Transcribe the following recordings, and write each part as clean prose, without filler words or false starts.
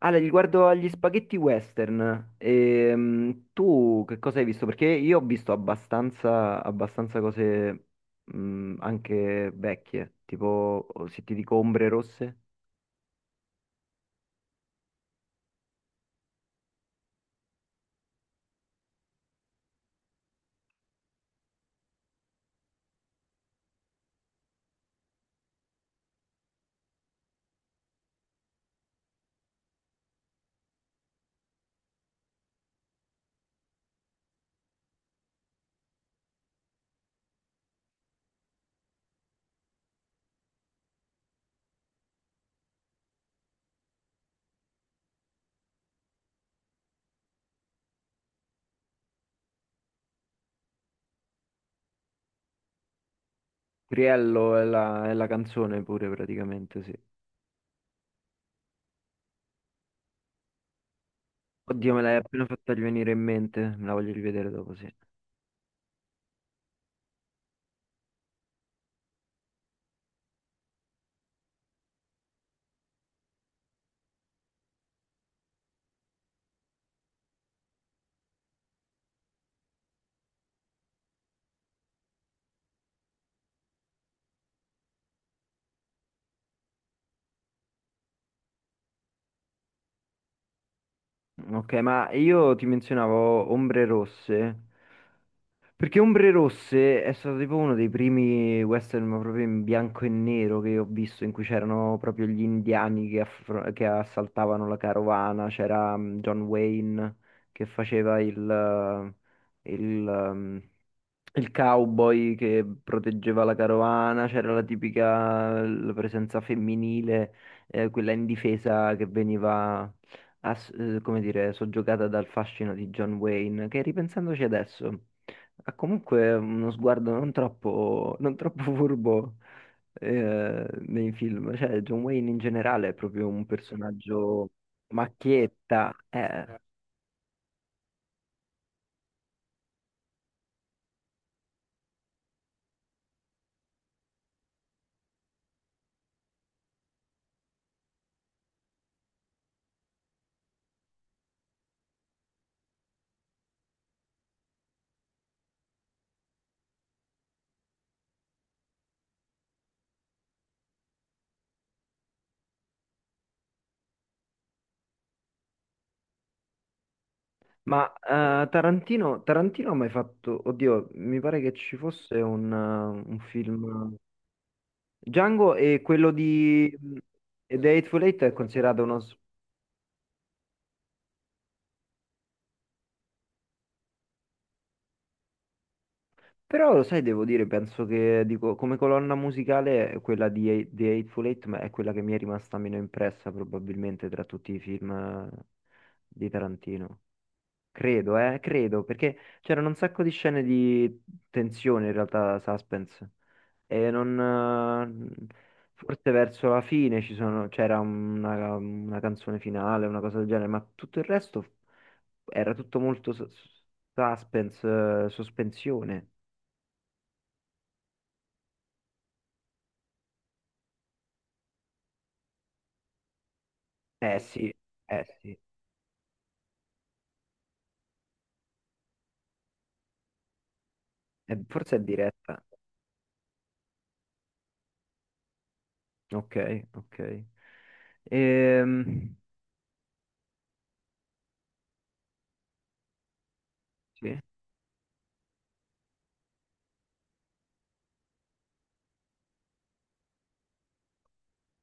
Ale, riguardo agli spaghetti western, tu che cosa hai visto? Perché io ho visto abbastanza cose anche vecchie, tipo oh, se ti dico Ombre Rosse, Criello è la canzone pure praticamente, sì. Oddio, me l'hai appena fatta venire in mente, me la voglio rivedere dopo, sì. Ok, ma io ti menzionavo Ombre Rosse. Perché Ombre Rosse è stato tipo uno dei primi western ma proprio in bianco e nero che ho visto, in cui c'erano proprio gli indiani che assaltavano la carovana, c'era mm, John Wayne che faceva eh, il, ehm, il cowboy che proteggeva la carovana, c'era la tipica la presenza femminile, quella indifesa che come dire, soggiogata dal fascino di John Wayne, che ripensandoci adesso ha comunque uno sguardo non troppo, non troppo furbo, nei film. Cioè, John Wayne in generale è proprio un personaggio macchietta, eh. Ma Tarantino ha mai fatto, oddio, mi pare che ci fosse un film Django e quello di e The Hateful Eight è considerato. Però lo sai, devo dire, penso che dico, come colonna musicale quella di The Hateful Eight ma è quella che mi è rimasta meno impressa probabilmente tra tutti i film di Tarantino. Credo, perché c'erano un sacco di scene di tensione in realtà, suspense. E non, eh, forse verso la fine c'era una canzone finale, una cosa del genere, ma tutto il resto era tutto molto suspense, sospensione. Eh sì, eh sì. Forse è diretta. Ok, ok. Ehm, sì.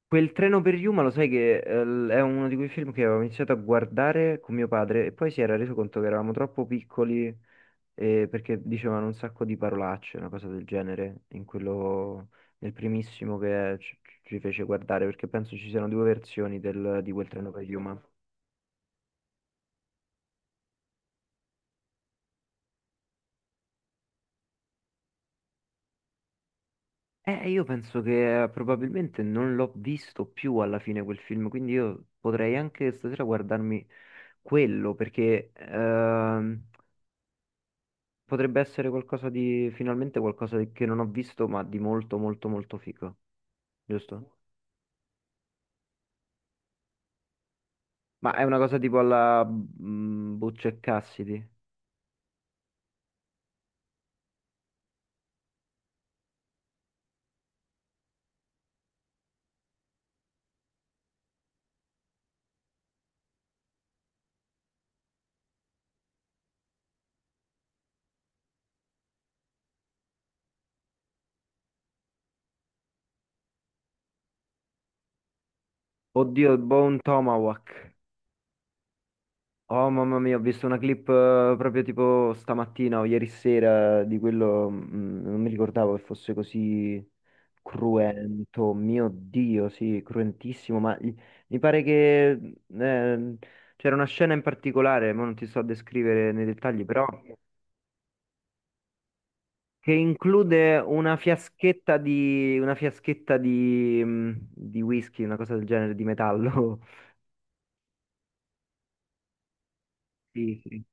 Quel treno per Yuma, lo sai che è uno di quei film che avevo iniziato a guardare con mio padre e poi si era reso conto che eravamo troppo piccoli perché dicevano un sacco di parolacce, una cosa del genere, in quello, nel primissimo che ci fece guardare, perché penso ci siano due versioni di quel treno per Yuma. Io penso che probabilmente non l'ho visto più alla fine quel film, quindi io potrei anche stasera guardarmi quello, perché potrebbe essere qualcosa di, finalmente che non ho visto, ma di molto, molto, molto figo, giusto? Ma è una cosa tipo alla mm, Butch e Cassidy? Oddio, Bone Tomahawk. Oh mamma mia, ho visto una clip proprio tipo stamattina o ieri sera di quello, mm, non mi ricordavo che fosse così cruento. Mio cruentissimo, mi pare che c'era una scena in particolare, ma non ti so descrivere nei dettagli, però che include una fiaschetta di, mm, di whisky, una cosa del genere, di metallo. Sì, sì.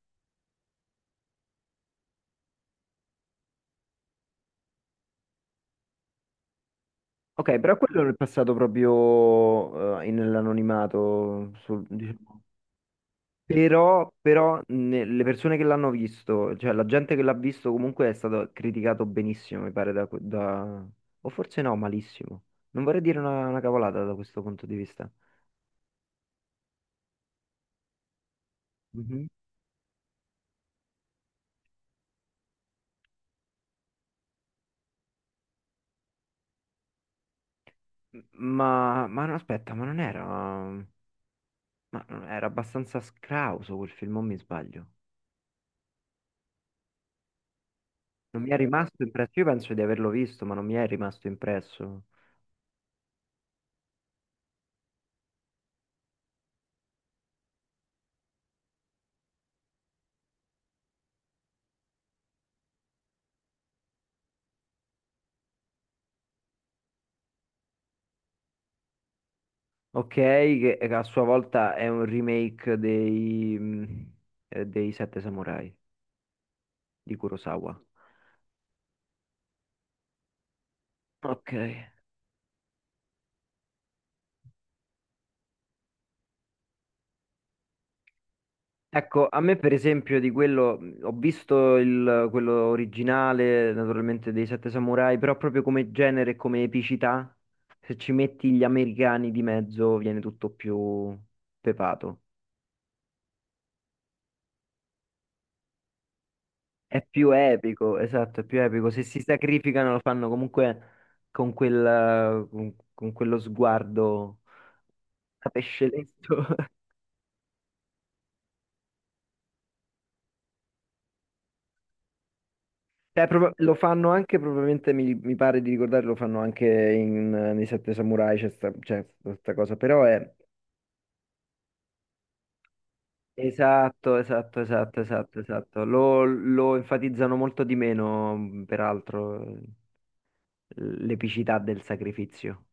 Ok, però quello è passato proprio nell'anonimato, diciamo. Le persone che l'hanno visto, cioè la gente che l'ha visto comunque è stato criticato benissimo, mi pare, o forse no, malissimo. Non vorrei dire una cavolata da questo punto di vista. Mhm. M- aspetta, ma non era abbastanza scrauso quel film, o mi sbaglio? Non mi è rimasto impresso, io penso di averlo visto, ma non mi è rimasto impresso. Ok, che a sua volta è un remake dei, dei Sette Samurai di Kurosawa. Ok. Ecco, a me per esempio di quello, ho visto quello originale, naturalmente dei Sette Samurai, però proprio come genere e come epicità, se ci metti gli americani di mezzo viene tutto più pepato. È più epico, esatto, è più epico. Se si sacrificano lo fanno comunque con con quello sguardo. A pesce lento. Lo fanno anche, probabilmente mi pare di ricordare, lo fanno anche nei Sette Samurai, c'è questa cosa, però è... Esatto, esatto, esatto, esatto, esatto. Lo enfatizzano molto di meno, peraltro, l'epicità del sacrificio.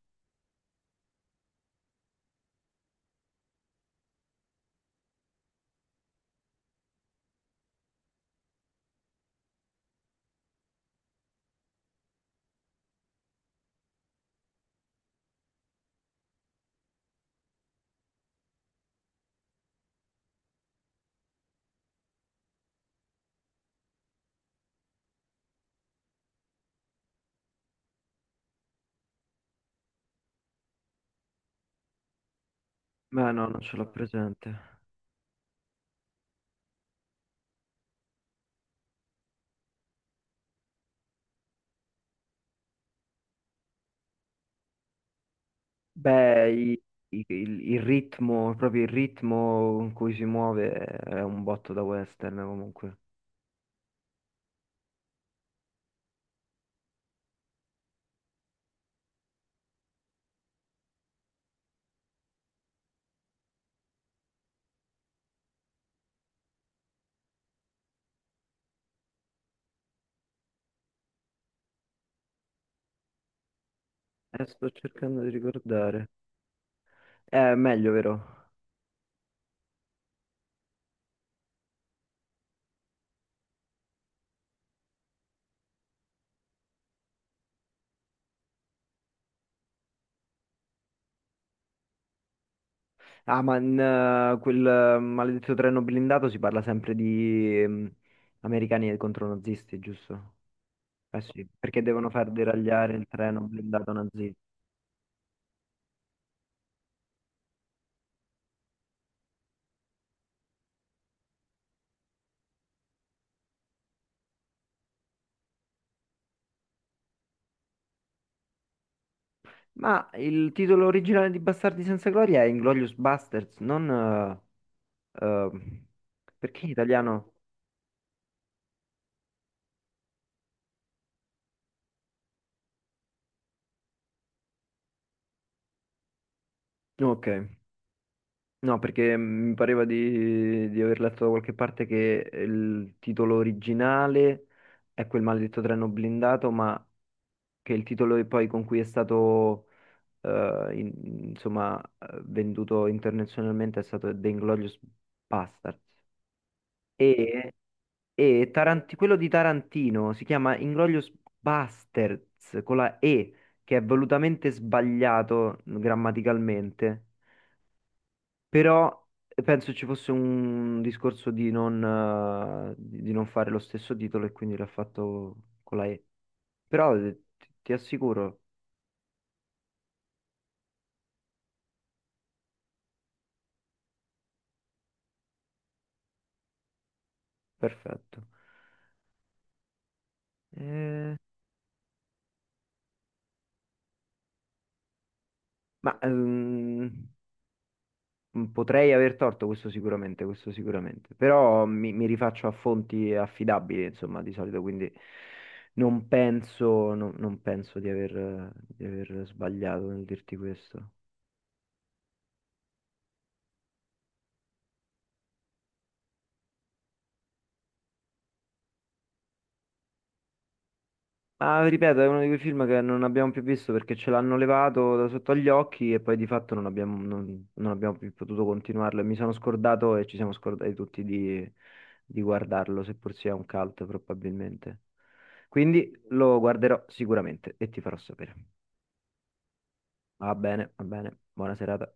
Ma no, non ce l'ho presente. Beh, il ritmo, proprio il ritmo con cui si muove è un botto da western comunque. Sto cercando di ricordare. È meglio, vero? Ah, ma in quel maledetto treno blindato si parla sempre di americani contro nazisti, giusto? Eh sì, perché devono far deragliare il treno blindato nazista. Ma il titolo originale di Bastardi senza gloria è Inglorious Basterds, non... eh, eh, perché in italiano? Ok. No, perché mi pareva di aver letto da qualche parte che il titolo originale è quel maledetto treno blindato, ma che il titolo e poi con cui è stato eh, in- insomma venduto internazionalmente è stato The Inglourious Basterds. E, e quello di Tarantino si chiama Inglourious Basterds con la E, che è volutamente sbagliato grammaticalmente. Però penso ci fosse un discorso di non, di non fare lo stesso titolo e quindi l'ha fatto con la E. Però ti assicuro, perfetto. Eh, ma potrei aver torto questo sicuramente, questo sicuramente. Però mi rifaccio a fonti affidabili, insomma, di solito, quindi non penso, non penso di aver sbagliato nel dirti questo. Ma ripeto, è uno di quei film che non abbiamo più visto perché ce l'hanno levato da sotto agli occhi e poi di fatto non abbiamo, non abbiamo più potuto continuarlo. E mi sono scordato e ci siamo scordati tutti di guardarlo, seppur sia un cult probabilmente. Quindi lo guarderò sicuramente e ti farò sapere. Va bene, va bene. Buona serata.